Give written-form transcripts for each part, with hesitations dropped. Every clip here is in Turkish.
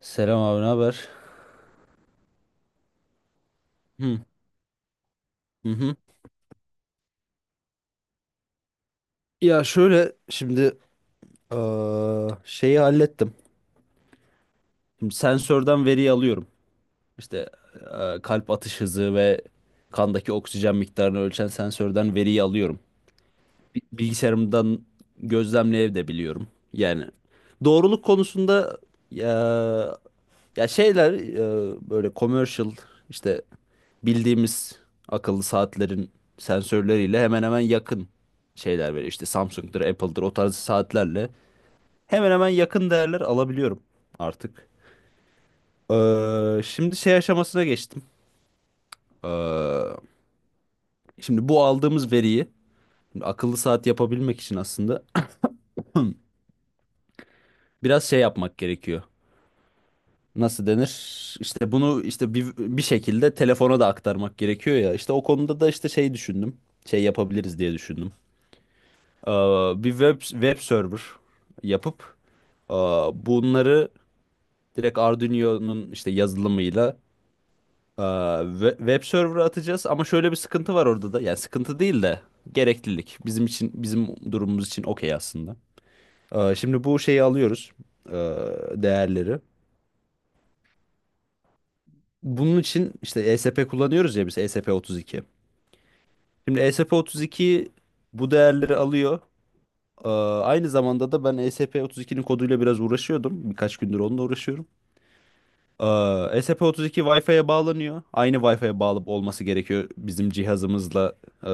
Selam abi, ne haber? Hı hı. Hı. Ya şöyle şimdi şeyi hallettim. Şimdi sensörden veriyi alıyorum. İşte kalp atış hızı ve kandaki oksijen miktarını ölçen sensörden veriyi alıyorum. Bilgisayarımdan gözlemleyebiliyorum. Yani doğruluk konusunda ya, ya şeyler böyle commercial işte bildiğimiz akıllı saatlerin sensörleriyle hemen hemen yakın şeyler veriyor. İşte Samsung'dur, Apple'dır o tarz saatlerle hemen hemen yakın değerler alabiliyorum artık. Şimdi şey aşamasına geçtim. Ee, şimdi bu aldığımız veriyi şimdi akıllı saat yapabilmek için aslında biraz şey yapmak gerekiyor. Nasıl denir? İşte bunu işte bir şekilde telefona da aktarmak gerekiyor ya. İşte o konuda da işte şey düşündüm. Şey yapabiliriz diye düşündüm. Ee, bir web server yapıp e, bunları direkt Arduino'nun işte yazılımıyla web server'a atacağız. Ama şöyle bir sıkıntı var orada da. Yani sıkıntı değil de gereklilik. Bizim için, bizim durumumuz için okey aslında. Şimdi bu şeyi alıyoruz. e, Değerleri. Bunun için işte ESP kullanıyoruz ya biz, ESP32. Şimdi ESP32 bu değerleri alıyor. Ee, aynı zamanda da ben E S P ESP32'nin koduyla biraz uğraşıyordum. Birkaç gündür onunla uğraşıyorum. Ee, ESP32 Wi-Fi'ye bağlanıyor. Aynı Wi-Fi'ye bağlı olması gerekiyor bizim cihazımızla, e,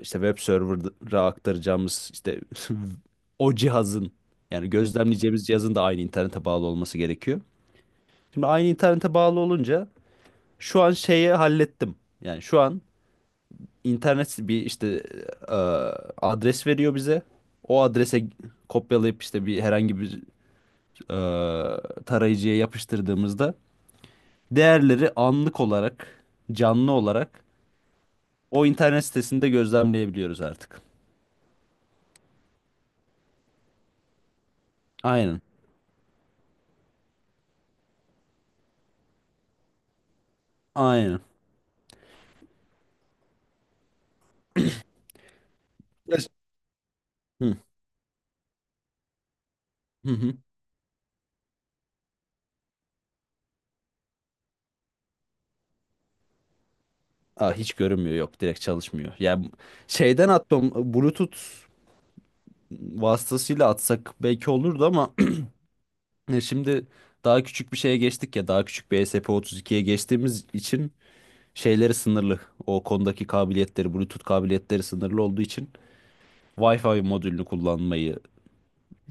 işte web server'a aktaracağımız işte o cihazın, yani gözlemleyeceğimiz cihazın da aynı internete bağlı olması gerekiyor. Şimdi aynı internete bağlı olunca şu an şeyi hallettim. Yani şu an internet bir işte e, adres veriyor bize. O adrese kopyalayıp işte bir herhangi bir tarayıcıya yapıştırdığımızda değerleri anlık olarak, canlı olarak o internet sitesinde gözlemleyebiliyoruz artık. Aynen. Aynen. Yaş- Hı hı. Hı. Aa, hiç görünmüyor, yok, direkt çalışmıyor. Yani şeyden atmam, Bluetooth vasıtasıyla atsak belki olurdu ama Şimdi daha küçük bir şeye geçtik ya, daha küçük bir ESP32'ye geçtiğimiz için şeyleri sınırlı. O konudaki kabiliyetleri, Bluetooth kabiliyetleri sınırlı olduğu için Wi-Fi modülünü kullanmayı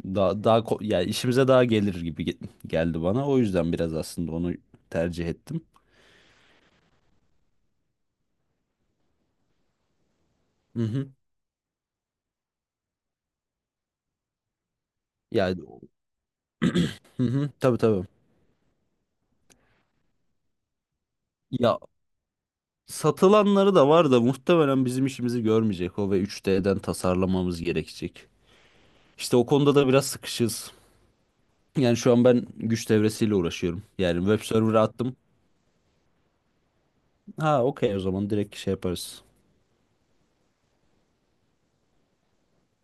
daha yani işimize daha gelir gibi geldi bana. O yüzden biraz aslında onu tercih ettim. Hı hı. Yani hı hı, tabii tabii. Ya satılanları da var da muhtemelen bizim işimizi görmeyecek o, ve 3D'den tasarlamamız gerekecek. İşte o konuda da biraz sıkışız. Yani şu an ben güç devresiyle uğraşıyorum. Yani web server'a attım. Ha okey, o zaman direkt şey yaparız.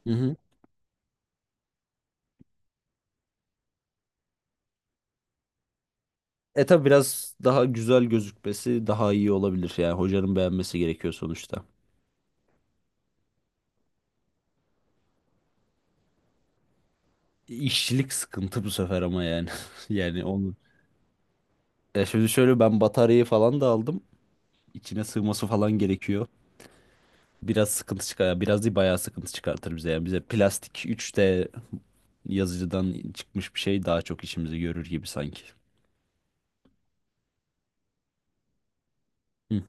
Hı hı. E tabi biraz daha güzel gözükmesi daha iyi olabilir. Yani hocanın beğenmesi gerekiyor sonuçta. İşçilik sıkıntı bu sefer ama yani. Yani onu. Ya şimdi şöyle, ben bataryayı falan da aldım. İçine sığması falan gerekiyor. Biraz sıkıntı çıkar. Biraz değil, bayağı sıkıntı çıkartır bize. Yani bize plastik 3D yazıcıdan çıkmış bir şey daha çok işimizi görür gibi sanki. Hı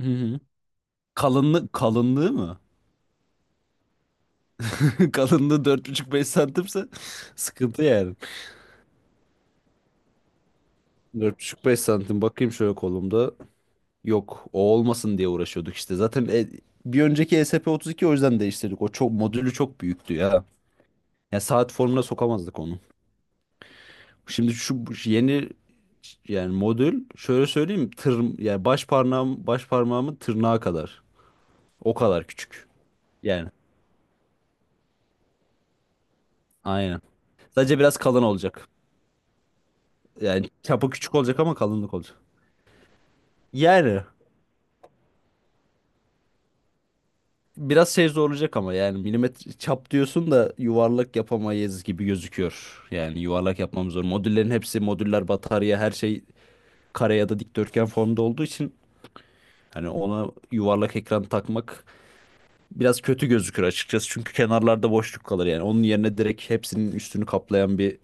hı. Hı. Kalınlık, kalınlığı mı? Kalınlığı dört buçuk beş santimse sıkıntı yani. Dört buçuk beş santim bakayım şöyle kolumda. Yok, o olmasın diye uğraşıyorduk işte. Zaten bir önceki ESP32, o yüzden değiştirdik. O çok, modülü çok büyüktü ya. Yani saat formuna sokamazdık onu. Şimdi şu bu yeni, yani modül şöyle söyleyeyim, tır yani, baş parmağım, baş parmağımın tırnağı kadar. O kadar küçük. Yani aynen. Sadece biraz kalın olacak. Yani çapı küçük olacak ama kalınlık olacak. Yani biraz şey zorlayacak ama yani milimetre çap diyorsun da yuvarlak yapamayız gibi gözüküyor. Yani yuvarlak yapmamız zor. Modüllerin hepsi, modüller, batarya, her şey kare ya da dikdörtgen formda olduğu için hani ona yuvarlak ekran takmak biraz kötü gözükür açıkçası. Çünkü kenarlarda boşluk kalır yani. Onun yerine direkt hepsinin üstünü kaplayan bir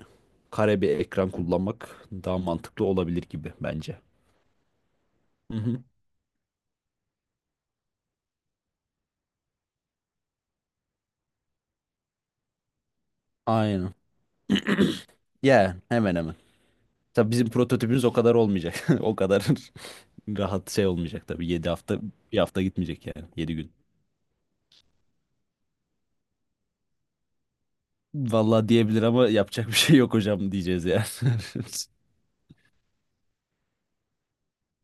kare bir ekran kullanmak daha mantıklı olabilir gibi bence. Hı hı. Aynen. Yani hemen hemen. Tabii bizim prototipimiz o kadar olmayacak. O kadar rahat şey olmayacak tabii. 7 hafta, bir hafta gitmeyecek yani. 7 gün. Vallahi diyebilir ama yapacak bir şey yok hocam diyeceğiz yani.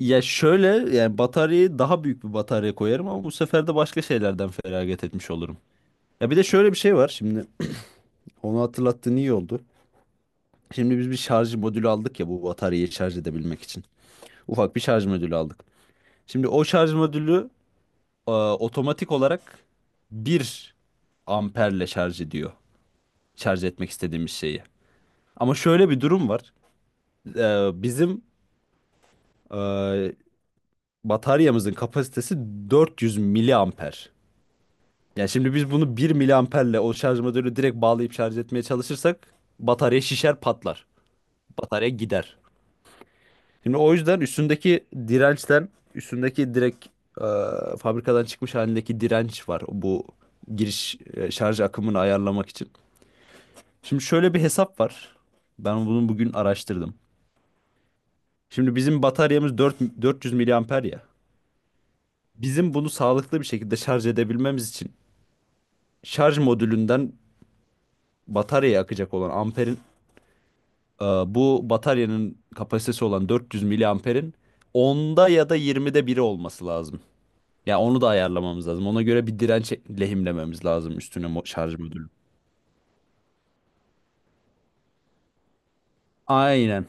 Ya şöyle, yani bataryayı, daha büyük bir batarya koyarım ama bu sefer de başka şeylerden feragat etmiş olurum. Ya bir de şöyle bir şey var şimdi, onu hatırlattığın iyi oldu. Şimdi biz bir şarj modülü aldık ya bu bataryayı şarj edebilmek için. Ufak bir şarj modülü aldık. Şimdi o şarj modülü otomatik olarak bir amperle şarj ediyor. Şarj etmek istediğimiz şeyi. Ama şöyle bir durum var. Bizim e, bataryamızın kapasitesi 400 miliamper. Yani şimdi biz bunu bir miliamperle o şarj modülü direkt bağlayıp şarj etmeye çalışırsak batarya şişer, patlar. Batarya gider. Şimdi o yüzden üstündeki dirençten, üstündeki direkt e, fabrikadan çıkmış halindeki direnç var. Bu giriş şarj akımını ayarlamak için. Şimdi şöyle bir hesap var. Ben bunu bugün araştırdım. Şimdi bizim bataryamız 400 miliamper ya. Bizim bunu sağlıklı bir şekilde şarj edebilmemiz için şarj modülünden bataryaya akacak olan amperin bu bataryanın kapasitesi olan 400 miliamperin onda ya da 20'de biri olması lazım. Ya onu da ayarlamamız lazım. Ona göre bir direnç lehimlememiz lazım üstüne, şarj modülü. Aynen.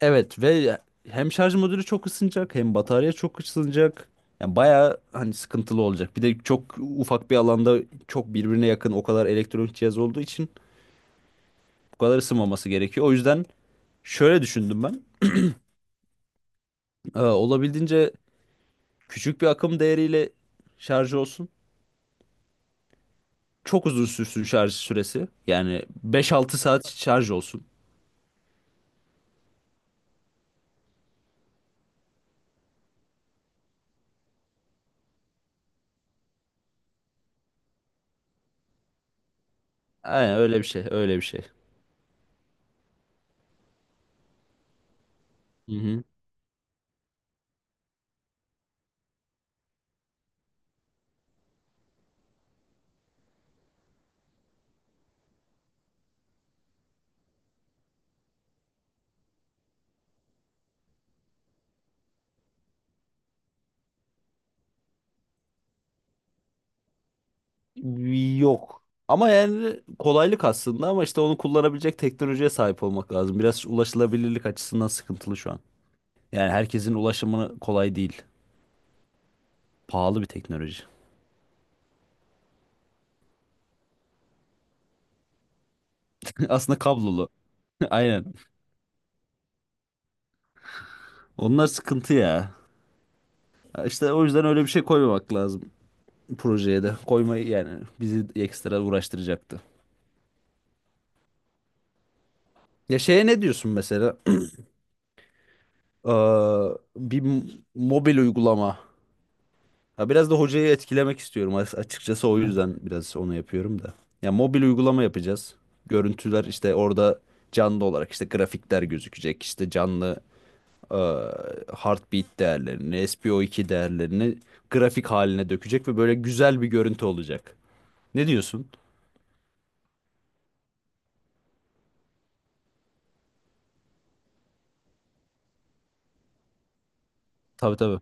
Evet, ve hem şarj modülü çok ısınacak, hem batarya çok ısınacak. Yani bayağı hani sıkıntılı olacak. Bir de çok ufak bir alanda çok birbirine yakın o kadar elektronik cihaz olduğu için bu kadar ısınmaması gerekiyor. O yüzden şöyle düşündüm ben. Olabildiğince küçük bir akım değeriyle şarj olsun. Çok uzun sürsün şarj süresi. Yani 5-6 saat şarj olsun. Aynen öyle bir şey, öyle bir şey. Hı hı. Yok. Ama yani kolaylık aslında ama işte onu kullanabilecek teknolojiye sahip olmak lazım. Biraz ulaşılabilirlik açısından sıkıntılı şu an. Yani herkesin ulaşımı kolay değil. Pahalı bir teknoloji. Aslında kablolu. Aynen. Onlar sıkıntı ya. Ya İşte o yüzden öyle bir şey koymamak lazım projeye de. Koymayı, yani bizi ekstra uğraştıracaktı. Ya şeye ne diyorsun mesela? Ee, bir mobil uygulama. Ha biraz da hocayı etkilemek istiyorum, açıkçası o yüzden biraz onu yapıyorum da. Ya mobil uygulama yapacağız. Görüntüler işte orada canlı olarak işte grafikler gözükecek. İşte canlı e, heartbeat değerlerini, S P o iki değerlerini grafik haline dökecek ve böyle güzel bir görüntü olacak. Ne diyorsun? Tabii tabii.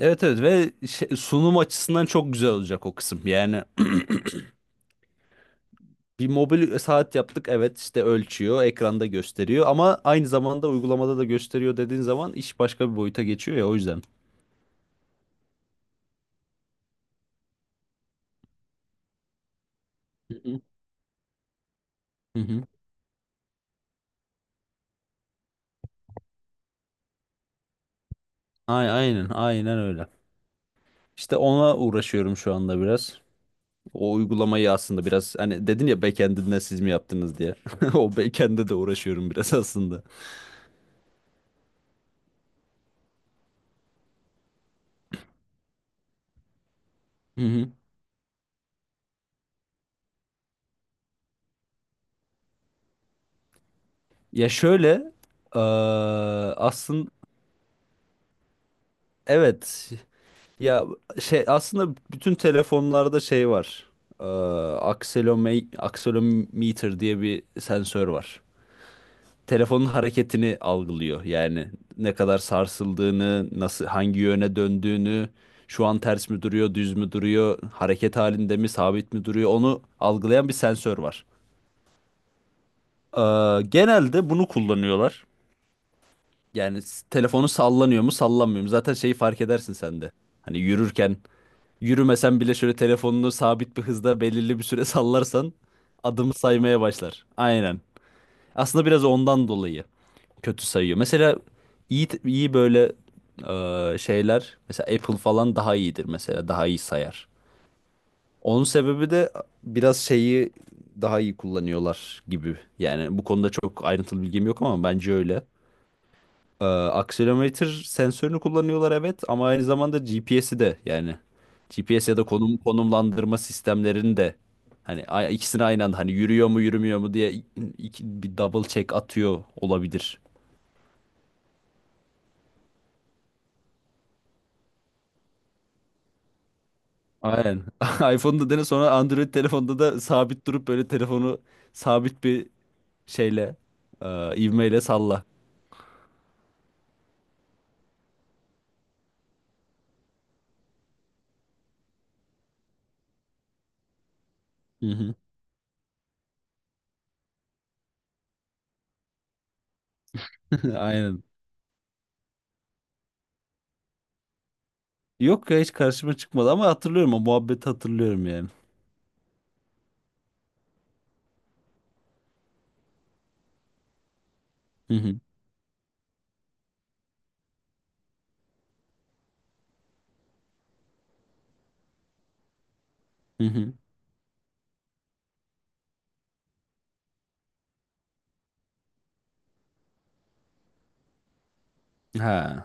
Evet evet, ve sunum açısından çok güzel olacak o kısım. Yani bir mobil saat yaptık, evet işte ölçüyor, ekranda gösteriyor ama aynı zamanda uygulamada da gösteriyor dediğin zaman iş başka bir boyuta geçiyor ya, o yüzden. Hı hı. Hı hı. Aynen, aynen öyle. İşte ona uğraşıyorum şu anda biraz. O uygulamayı aslında biraz, hani dedin ya backend'inde siz mi yaptınız diye. O backend'e de uğraşıyorum biraz aslında. Hı hı. Ya şöyle eee aslında, evet. Ya şey aslında bütün telefonlarda şey var. Ee, akselometer diye bir sensör var. Telefonun hareketini algılıyor. Yani ne kadar sarsıldığını, nasıl, hangi yöne döndüğünü, şu an ters mi duruyor, düz mü duruyor, hareket halinde mi, sabit mi duruyor, onu algılayan bir sensör var. Genelde bunu kullanıyorlar. Yani telefonu sallanıyor mu, sallanmıyor mu? Zaten şeyi fark edersin sen de. Hani yürürken, yürümesen bile şöyle telefonunu sabit bir hızda belirli bir süre sallarsan adımı saymaya başlar. Aynen. Aslında biraz ondan dolayı kötü sayıyor. Mesela iyi iyi böyle şeyler, mesela Apple falan daha iyidir mesela, daha iyi sayar. Onun sebebi de biraz şeyi daha iyi kullanıyorlar gibi. Yani bu konuda çok ayrıntılı bilgim yok ama bence öyle. Akselerometre sensörünü kullanıyorlar, evet, ama aynı zamanda GPS'i de, yani GPS ya da konum, konumlandırma sistemlerini de hani ikisini aynı anda, hani yürüyor mu yürümüyor mu diye bir double check atıyor olabilir. Aynen. iPhone'da dene, sonra Android telefonda da sabit durup böyle telefonu sabit bir şeyle, ivmeyle salla. Hı hı. Aynen. Yok ya hiç karşıma çıkmadı ama hatırlıyorum, o muhabbeti hatırlıyorum yani. Hı hı. Hı hı. Ha.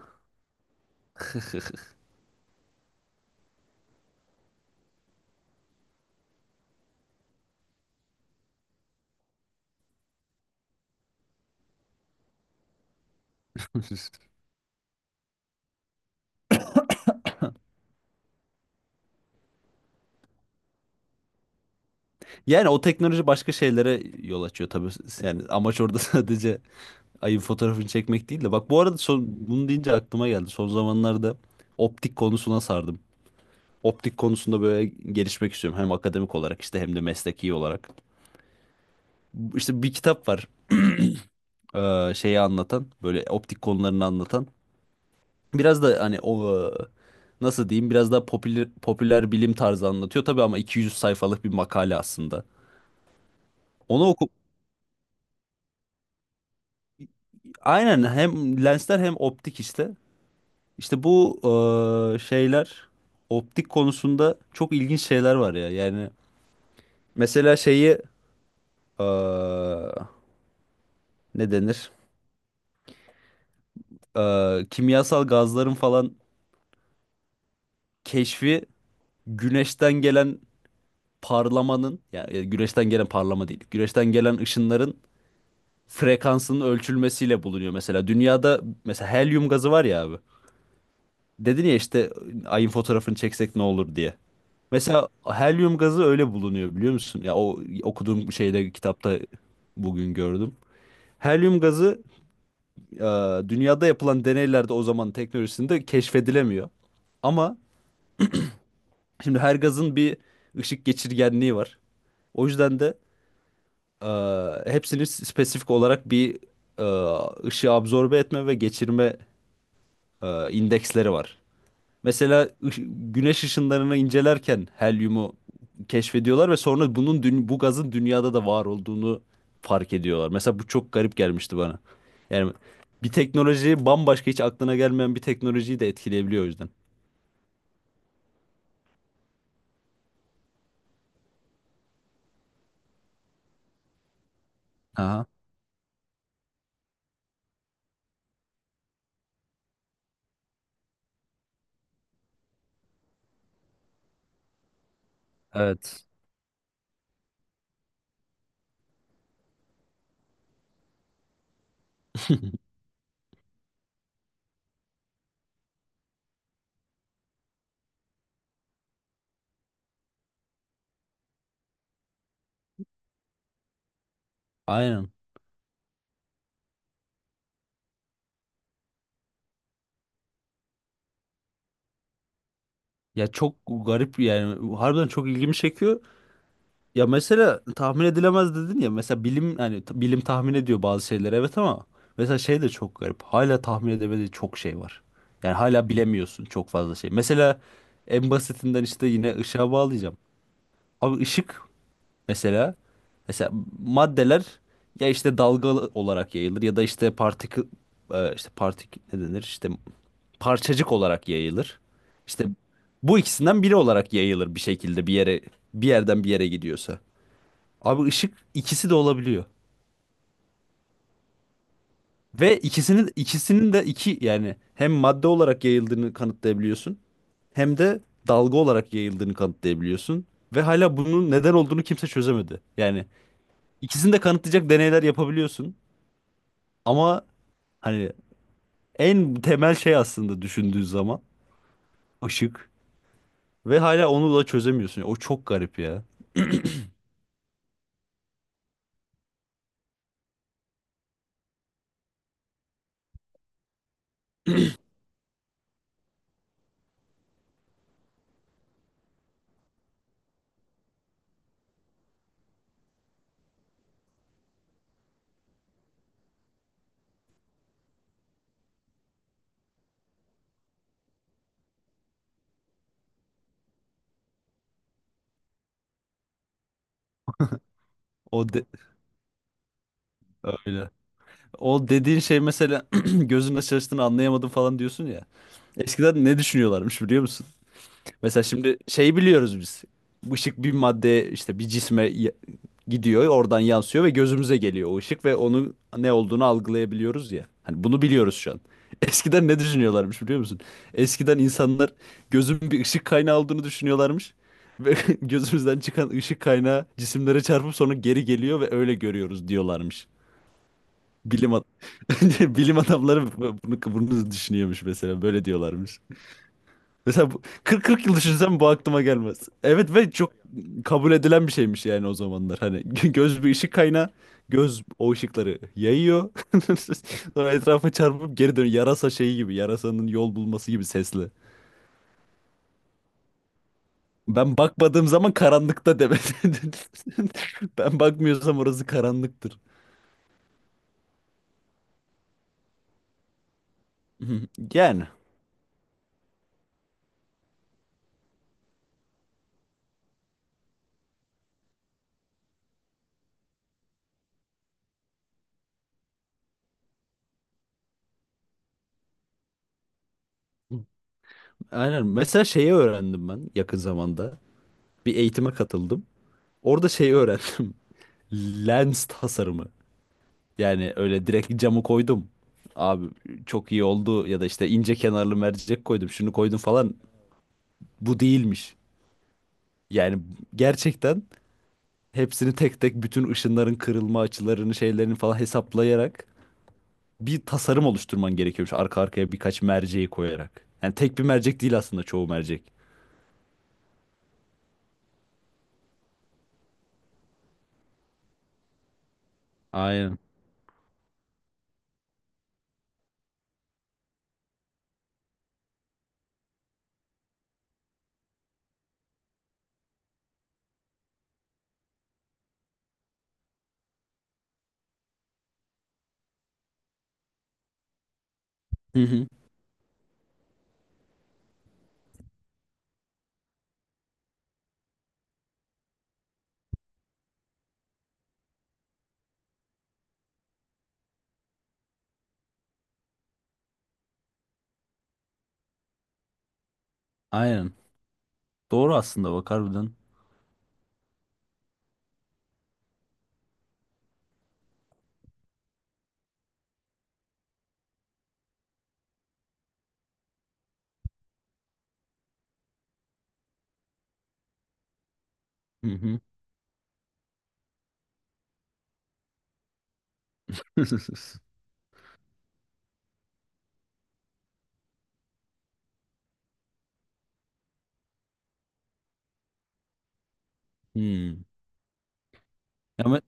Yani o teknoloji başka şeylere yol açıyor tabii. Yani amaç orada sadece ayın fotoğrafını çekmek değil de. Bak bu arada son, bunu deyince aklıma geldi. Son zamanlarda optik konusuna sardım. Optik konusunda böyle gelişmek istiyorum. Hem akademik olarak işte, hem de mesleki olarak. İşte bir kitap var. Şeyi anlatan, böyle optik konularını anlatan. Biraz da hani o nasıl diyeyim, biraz daha popüler, popüler bilim tarzı anlatıyor. Tabii ama 200 sayfalık bir makale aslında. Onu oku. Aynen, hem lensler hem optik işte. İşte bu şeyler, optik konusunda çok ilginç şeyler var ya. Yani mesela şeyi eee, ne denir? Kimyasal gazların falan keşfi güneşten gelen parlamanın, yani güneşten gelen parlama değil. Güneşten gelen ışınların frekansının ölçülmesiyle bulunuyor mesela. Dünyada mesela helyum gazı var ya abi. Dedin ya işte ayın fotoğrafını çeksek ne olur diye. Mesela helyum gazı öyle bulunuyor biliyor musun? Ya o okuduğum şeyde, kitapta bugün gördüm. Helyum gazı e, dünyada yapılan deneylerde o zaman teknolojisinde keşfedilemiyor. Ama şimdi her gazın bir ışık geçirgenliği var. O yüzden de e, hepsini spesifik olarak bir e, ışığı absorbe etme ve geçirme indeksleri var. Mesela güneş ışınlarını incelerken helyumu keşfediyorlar ve sonra bunun bu gazın dünyada da var olduğunu fark ediyorlar. Mesela bu çok garip gelmişti bana. Yani bir teknoloji bambaşka, hiç aklına gelmeyen bir teknolojiyi de etkileyebiliyor, o yüzden. Aha, evet. Aynen. Ya çok garip yani, harbiden çok ilgimi çekiyor. Ya mesela tahmin edilemez dedin ya, mesela bilim, hani bilim tahmin ediyor bazı şeyleri, evet, ama mesela şey de çok garip. Hala tahmin edemediği çok şey var. Yani hala bilemiyorsun çok fazla şey. Mesela en basitinden işte yine ışığa bağlayacağım. Abi ışık mesela, mesela maddeler, ya işte dalgalı olarak yayılır ya da işte işte ne denir işte, parçacık olarak yayılır. İşte bu ikisinden biri olarak yayılır bir şekilde bir yere, bir yerden bir yere gidiyorsa. Abi ışık ikisi de olabiliyor. Ve ikisinin de iki, yani hem madde olarak yayıldığını kanıtlayabiliyorsun, hem de dalga olarak yayıldığını kanıtlayabiliyorsun ve hala bunun neden olduğunu kimse çözemedi. Yani ikisini de kanıtlayacak deneyler yapabiliyorsun ama hani en temel şey aslında düşündüğün zaman ışık, ve hala onu da çözemiyorsun. O çok garip ya. O de- öyle. O dediğin şey mesela gözün nasıl çalıştığını anlayamadım falan diyorsun ya. Eskiden ne düşünüyorlarmış biliyor musun? Mesela şimdi şey biliyoruz biz. Işık bir madde, işte bir cisme gidiyor, oradan yansıyor ve gözümüze geliyor o ışık, ve onun ne olduğunu algılayabiliyoruz ya. Hani bunu biliyoruz şu an. Eskiden ne düşünüyorlarmış biliyor musun? Eskiden insanlar gözün bir ışık kaynağı olduğunu düşünüyorlarmış ve gözümüzden çıkan ışık kaynağı cisimlere çarpıp sonra geri geliyor ve öyle görüyoruz diyorlarmış. Bilim ad- bilim adamları bunu düşünüyormuş mesela, böyle diyorlarmış. Mesela bu, 40-40 yıl düşünsem bu aklıma gelmez. Evet ve çok kabul edilen bir şeymiş yani o zamanlar. Hani göz bir ışık kaynağı, göz o ışıkları yayıyor. Sonra etrafa çarpıp geri dönüyor. Yarasa şeyi gibi, yarasanın yol bulması gibi sesli. Ben bakmadığım zaman karanlıkta demek. Ben bakmıyorsam orası karanlıktır. Yani aynen. Mesela şeyi öğrendim ben yakın zamanda. Bir eğitime katıldım. Orada şeyi öğrendim. Lens tasarımı. Yani öyle direkt camı koydum. Abi çok iyi oldu ya da işte ince kenarlı mercek koydum, şunu koydum falan. Bu değilmiş. Yani gerçekten hepsini tek tek, bütün ışınların kırılma açılarını, şeylerini falan hesaplayarak bir tasarım oluşturman gerekiyormuş arka arkaya birkaç merceği koyarak. Yani tek bir mercek değil aslında, çoğu mercek. Aynen. Hı hı. Aynen. Doğru aslında, bak harbiden. Hı hı. Hmm. Ama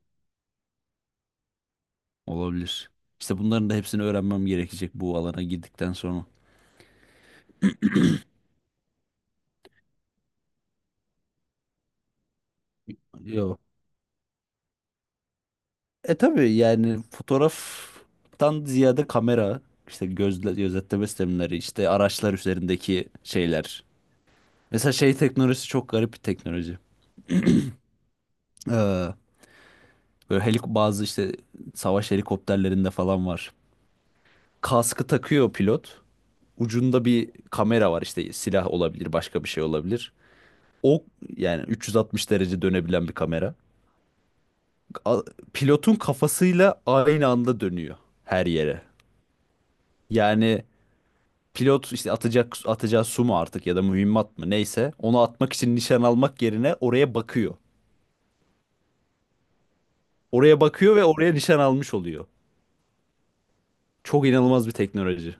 olabilir. İşte bunların da hepsini öğrenmem gerekecek bu alana girdikten sonra. Yok. E tabii, yani fotoğraftan ziyade kamera, işte gözle, gözetleme sistemleri, işte araçlar üzerindeki şeyler. Mesela şey teknolojisi çok garip bir teknoloji. Ee, böyle bazı işte savaş helikopterlerinde falan var. Kaskı takıyor pilot. Ucunda bir kamera var, işte silah olabilir, başka bir şey olabilir. O yani 360 derece dönebilen bir kamera. A- Pilotun kafasıyla aynı anda dönüyor her yere. Yani pilot işte atacağı su mu artık, ya da mühimmat mı neyse, onu atmak için nişan almak yerine oraya bakıyor. Oraya bakıyor ve oraya nişan almış oluyor. Çok inanılmaz bir teknoloji.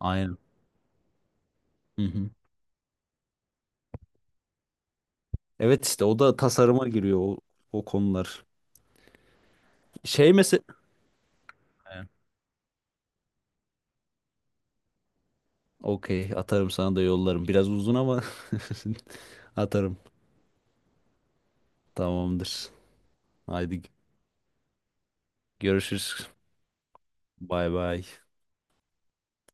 Aynen. Hı hı. Evet işte o da tasarıma giriyor, o, o konular. Şey mesela, okey, atarım sana da yollarım. Biraz uzun ama atarım. Tamamdır. Haydi görüşürüz. Bay bay.